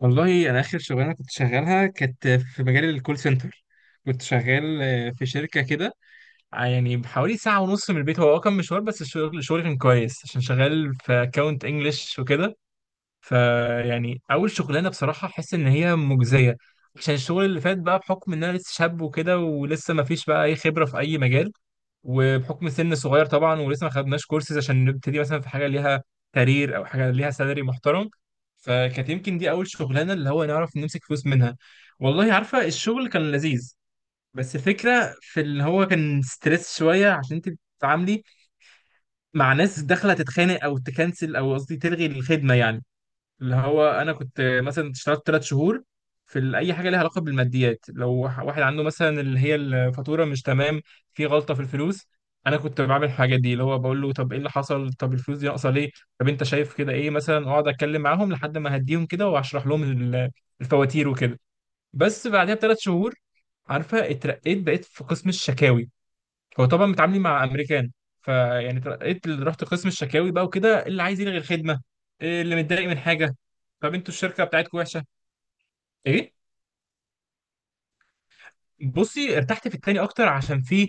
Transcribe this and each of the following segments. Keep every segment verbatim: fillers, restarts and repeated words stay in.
والله انا اخر شغلانه كنت شغالها كانت في مجال الكول سنتر. كنت شغال آه، في شركه كده. ع- يعني بحوالي ساعه ونص من البيت، هو آه، كان مشوار، بس الشغل الشغل كان كويس عشان شغال في اكونت انجلش وكده. فيعني اول شغلانه بصراحه احس ان هي مجزيه، عشان الشغل اللي فات بقى بحكم ان انا لسه شاب وكده، ولسه ما فيش بقى اي خبره في اي مجال، وبحكم سن صغير طبعا، ولسه ما خدناش كورسز عشان نبتدي مثلا في حاجه ليها كارير او حاجه ليها سالري محترم. فكانت يمكن دي اول شغلانه اللي هو نعرف نمسك فلوس منها. والله عارفه الشغل كان لذيذ، بس الفكره في اللي هو كان ستريس شويه، عشان انت بتتعاملي مع ناس داخله تتخانق او تكنسل، او قصدي تلغي الخدمه يعني. اللي هو انا كنت مثلا اشتغلت تلات شهور في ال- اي حاجه ليها علاقه بالماديات. لو واحد واحد عنده مثلا اللي هي الفاتوره مش تمام، في غلطه في الفلوس، انا كنت بعمل الحاجات دي، اللي هو بقول له طب ايه اللي حصل، طب الفلوس دي ناقصه ليه، طب انت شايف كده ايه مثلا. اقعد اتكلم معاهم لحد ما اهديهم كده واشرح لهم ال- الفواتير وكده. بس بعدها بثلاث شهور، عارفه، اترقيت، بقيت في قسم الشكاوي. هو طبعا متعاملين مع امريكان. فيعني ترقيت، ال- رحت قسم الشكاوي بقى وكده، اللي عايز يلغي الخدمه، إيه اللي متضايق من حاجه، طب انتوا الشركه بتاعتكم وحشه. ايه؟ بصي ارتحت في التاني اكتر، عشان فيه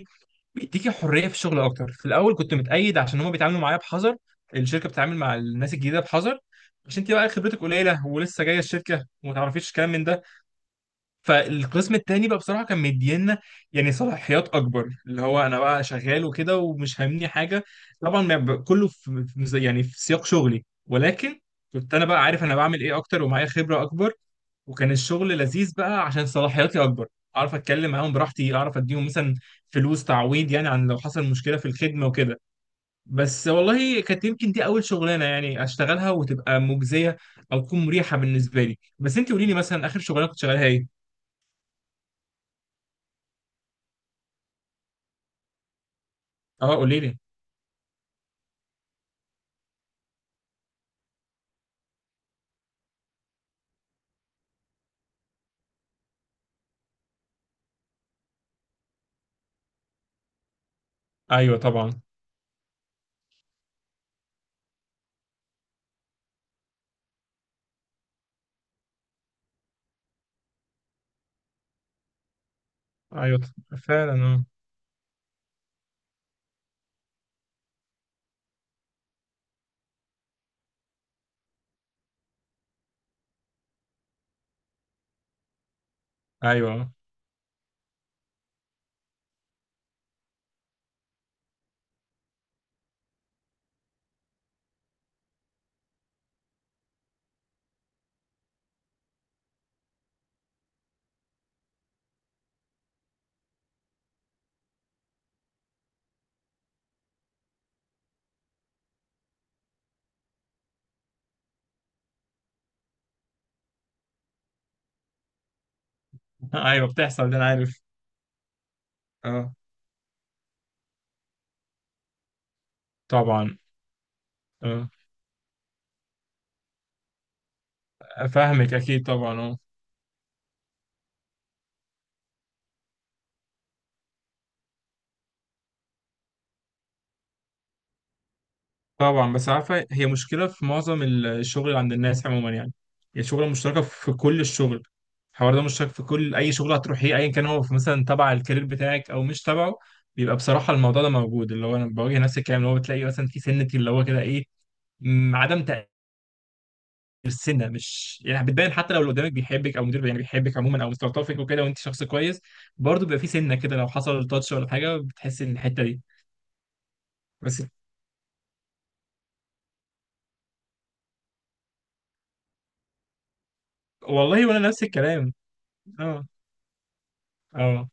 بيديكي حريه في الشغل اكتر. في الاول كنت متقيد، عشان هما بيتعاملوا معايا بحذر، الشركه بتتعامل مع الناس الجديده بحذر، عشان انت بقى خبرتك قليله ولسه جايه الشركه وما تعرفيش كلام من ده. فالقسم التاني بقى بصراحة كان مدينا يعني صلاحيات أكبر، اللي هو أنا بقى شغال وكده ومش فاهمني حاجة. طبعا ما ب- كله في في- زي- يعني في سياق شغلي، ولكن كنت أنا بقى عارف أنا بعمل إيه أكتر ومعايا خبرة أكبر. وكان الشغل لذيذ بقى عشان صلاحياتي أكبر، أعرف أتكلم معاهم براحتي، أعرف أديهم مثلا فلوس تعويض يعني، عن لو حصل مشكلة في الخدمة وكده. بس والله كانت يمكن دي أول شغلانة يعني أشتغلها وتبقى مجزية أو تكون مريحة بالنسبة لي. بس أنت قولي لي مثلا، آخر شغلانة كنت شغالها إيه؟ أه قولي لي. ايوه طبعا. ايوه ط- فعلا، اه. ايوه. ايوه، بتحصل ده، انا عارف. اه طبعا. اه، فاهمك اكيد طبعا، اه. طبعا، بس عارفه هي مشكله في معظم ال- الشغل اللي عند الناس عموما يعني. هي شغله مشتركه في كل الشغل، الحوار ده مشترك في كل اي شغل هتروحيه، ايا كان هو في مثلا تبع الكارير بتاعك او مش تبعه، بيبقى بصراحه الموضوع ده موجود. اللي هو انا بواجه نفس الكلام، اللي هو بتلاقي مثلا في سنه، اللي هو كده ايه، م، عدم السنه مش يعني بتبان. حتى لو اللي قدامك بيحبك او مدير يعني بيحبك عموما او مستلطفك وكده، وانت شخص كويس، برضه بيبقى في سنه كده، لو حصل تاتش ولا حاجه بتحس ان الحته دي. بس والله وانا نفس الكلام، اه، اه.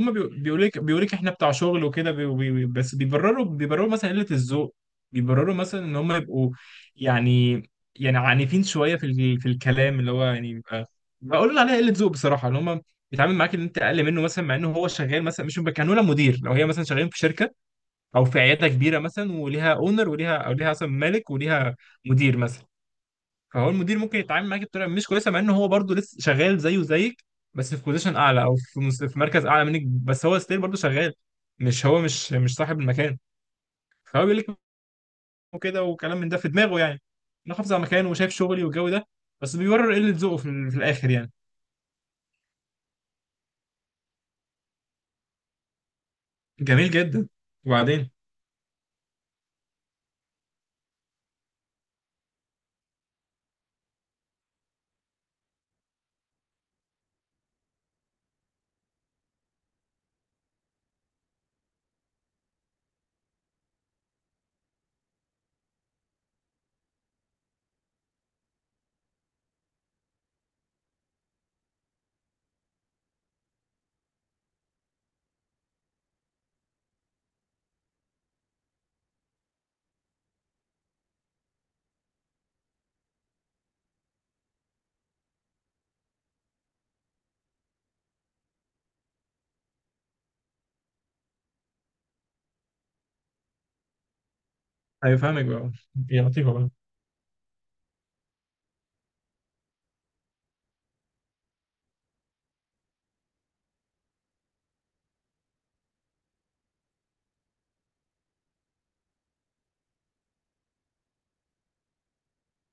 هما بيقولوا لك، بيقولوا لك احنا بتاع شغل وكده، بي- بي- بي- بس بيبرروا بيبرروا مثلا قله الذوق، بيبرروا مثلا ان هم يبقوا يعني، يعني عنيفين شويه في ال- في الكلام، اللي هو يعني بيبقى، بقول عليها قله ذوق بصراحه. ان هم بيتعامل معاك ان انت اقل منه مثلا، مع انه هو شغال مثلا، مش كانوا مدير. لو هي مثلا شغالين في شركه او في عياده كبيره مثلا، وليها اونر وليها، او ليها اصلا مالك وليها مدير مثلا، فهو المدير ممكن يتعامل معاك بطريقه مش كويسه، مع ان هو برضه لسه شغال زيه زيك، بس في بوزيشن اعلى او في مس- في مركز اعلى منك، بس هو ستيل برضه شغال، مش هو مش مش صاحب المكان. فهو بيقول لك كده، وكلام من ده في دماغه، يعني انا حافظ على مكانه وشايف شغلي والجو ده، بس بيورر قله ذوقه في، ال- في الاخر يعني. جميل جدا. وبعدين هيفهمك بقى يا لطيفه بقى.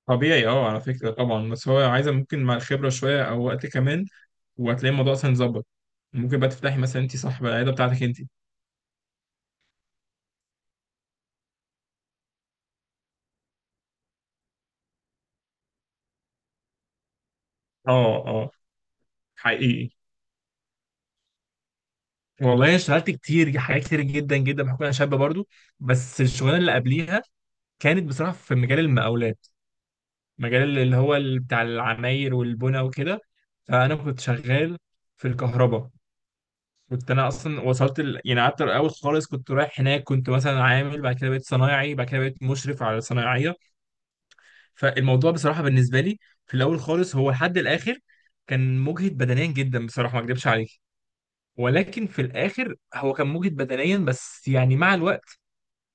طبيعي اه، على فكرة، طبعا، بس هو عايزة ممكن مع الخبرة شوية أو وقت كمان، وهتلاقي الموضوع أصلا اتظبط. ممكن بقى تفتحي مثلا أنت صاحبة العيادة بتاعتك أنت. اه، اه، حقيقي. والله أنا اشتغلت كتير حاجات، كتير جدا جدا، بحكم أنا شابة برضو. بس الشغلانة اللي قبليها كانت بصراحة في مجال المقاولات، مجال اللي هو ال- بتاع العماير والبنى وكده. فأنا كنت شغال في الكهرباء. كنت انا اصلا وصلت ال... يعني قعدت الاول خالص، كنت رايح هناك كنت مثلا عامل، بعد كده بقيت صنايعي، بعد كده بقيت مشرف على صنايعيه. فالموضوع بصراحة بالنسبة لي في الأول خالص هو لحد الآخر كان مجهد بدنيا جدا بصراحة، ما أكدبش عليك. ولكن في الآخر هو كان مجهد بدنيا، بس يعني مع الوقت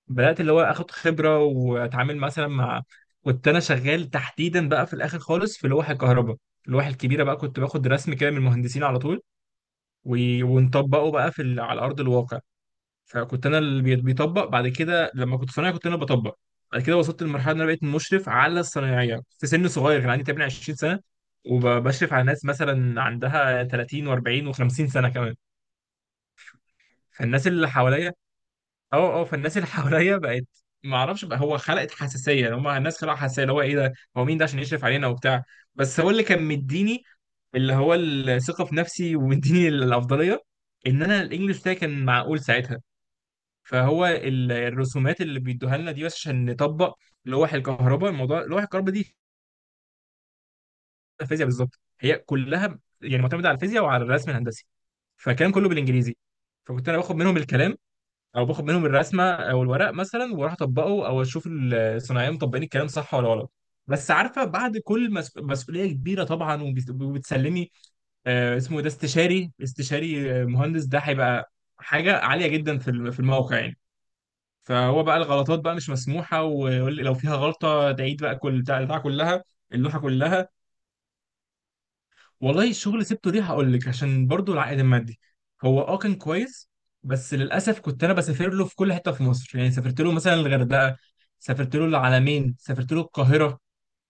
بدأت اللي هو آخد خبرة، وأتعامل مثلا مع، كنت أنا شغال تحديدا بقى في الآخر خالص في لوح الكهرباء. اللوح الكبيرة بقى كنت باخد رسم كده من المهندسين على طول، و- ونطبقه بقى في ال... على أرض الواقع. فكنت انا اللي بي- بيطبق، بعد كده لما كنت صنايعي كنت انا بطبق. بعد كده وصلت لمرحله ان انا بقيت مشرف على الصنايعيه في سن صغير، كان عندي تقريبا عشرين سنه، وبشرف على ناس مثلا عندها تلاتين و40 و50 سنه كمان. فالناس اللي حواليا، اه اه، فالناس اللي حواليا بقت ما اعرفش بقى، هو خلقت حساسيه، يعني هم الناس خلقوا حساسيه، اللي هو ايه ده، هو مين ده عشان يشرف علينا وبتاع. بس هو اللي كان مديني اللي هو الثقه في نفسي ومديني الافضليه، ان انا الانجليش بتاعي كان معقول ساعتها. فهو ال- الرسومات اللي بيدوها لنا دي بس عشان نطبق لوح الكهرباء. الموضوع لوح الكهرباء دي الفيزياء بالظبط، هي كلها يعني معتمده على الفيزياء وعلى الرسم الهندسي، فكان كله بالانجليزي. فكنت انا باخد منهم الكلام، او باخد منهم الرسمه او الورق مثلا، واروح اطبقه، او اشوف الصناعيه مطبقين الكلام صح ولا غلط. بس عارفه بعد كل مس... مسؤوليه كبيره طبعا، وبيس- وبتسلمي آه اسمه إيه ده، استشاري، استشاري آه، مهندس. ده هيبقى حاجه عاليه جدا في الم- في الموقع يعني. فهو بقى الغلطات بقى مش مسموحه، ويقول لي لو فيها غلطه تعيد بقى كل بتاع البتاعه كلها، اللوحه كلها. والله الشغل سبته ليه، هقول لك، عشان برضو العائد المادي هو اه كان كويس، بس للاسف كنت انا بسافر له في كل حته في مصر، يعني سافرت له مثلا الغردقه، سافرت له العلمين، سافرت له القاهره،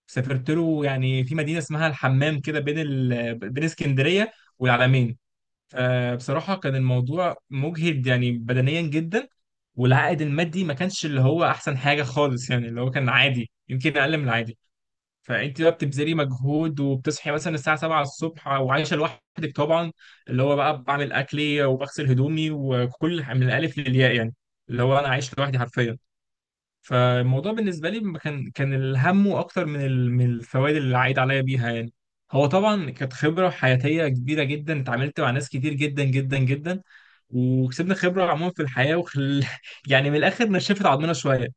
سافرت له يعني في مدينه اسمها الحمام كده، بين ال... بين اسكندريه والعلمين. آه، بصراحة كان الموضوع مجهد يعني بدنيا جدا. والعائد المادي ما كانش اللي هو أحسن حاجة خالص، يعني اللي هو كان عادي، يمكن أقل من العادي. فأنت بقى بتبذلي مجهود، وبتصحي مثلا الساعة سبعة الصبح، وعايشة لوحدك طبعا، اللي هو بقى بعمل أكلي وبغسل هدومي وكل من الألف للياء يعني، اللي هو أنا عايش لوحدي حرفيا. فالموضوع بالنسبة لي ما كان، كان الهم أكتر من ال- من الفوائد اللي عايد عليا بيها يعني. هو طبعا كانت خبرة حياتية كبيرة جدا، اتعاملت مع ناس كتير جدا جدا جدا، وكسبنا خبرة عموما في الحياة وخل... يعني من الآخر نشفت عضمنا شوية.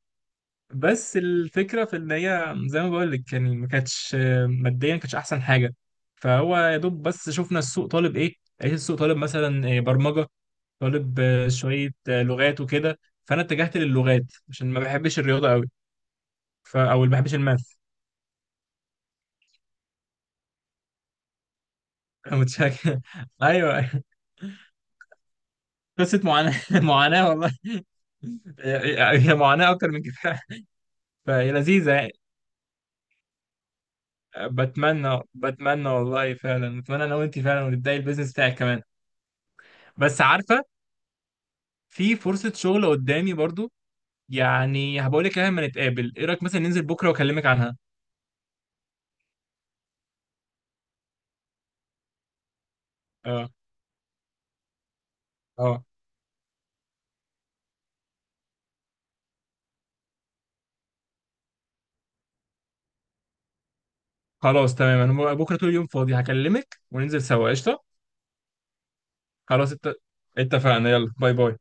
بس الفكرة في إن هي زي ما بقول لك، يعني ما كانتش ماديا، ما كانتش أحسن حاجة. فهو يا دوب بس شفنا السوق طالب إيه، لقيت السوق طالب مثلا برمجة، طالب شوية لغات وكده. فأنا اتجهت للغات عشان ما بحبش الرياضة أوي، ف... او اللي ما بيحبش الماث. متشكر ايوه. قصه معاناه معاناه والله. هي هي معاناه اكتر من كفايه، فهي لذيذه يعني. بتمنى، بتمنى والله فعلا، بتمنى انا وانت فعلا، وتبداي البيزنس بتاعك كمان. بس عارفه في فرصه شغل قدامي برضو، يعني هبقول لك عليها لما نتقابل. ايه رايك مثلا ننزل بكره واكلمك عنها؟ اه، اه، خلاص تمام، انا بكره طول اليوم فاضي، هكلمك وننزل سوا، قشطه. خلاص ات... اتفقنا، يلا، باي باي.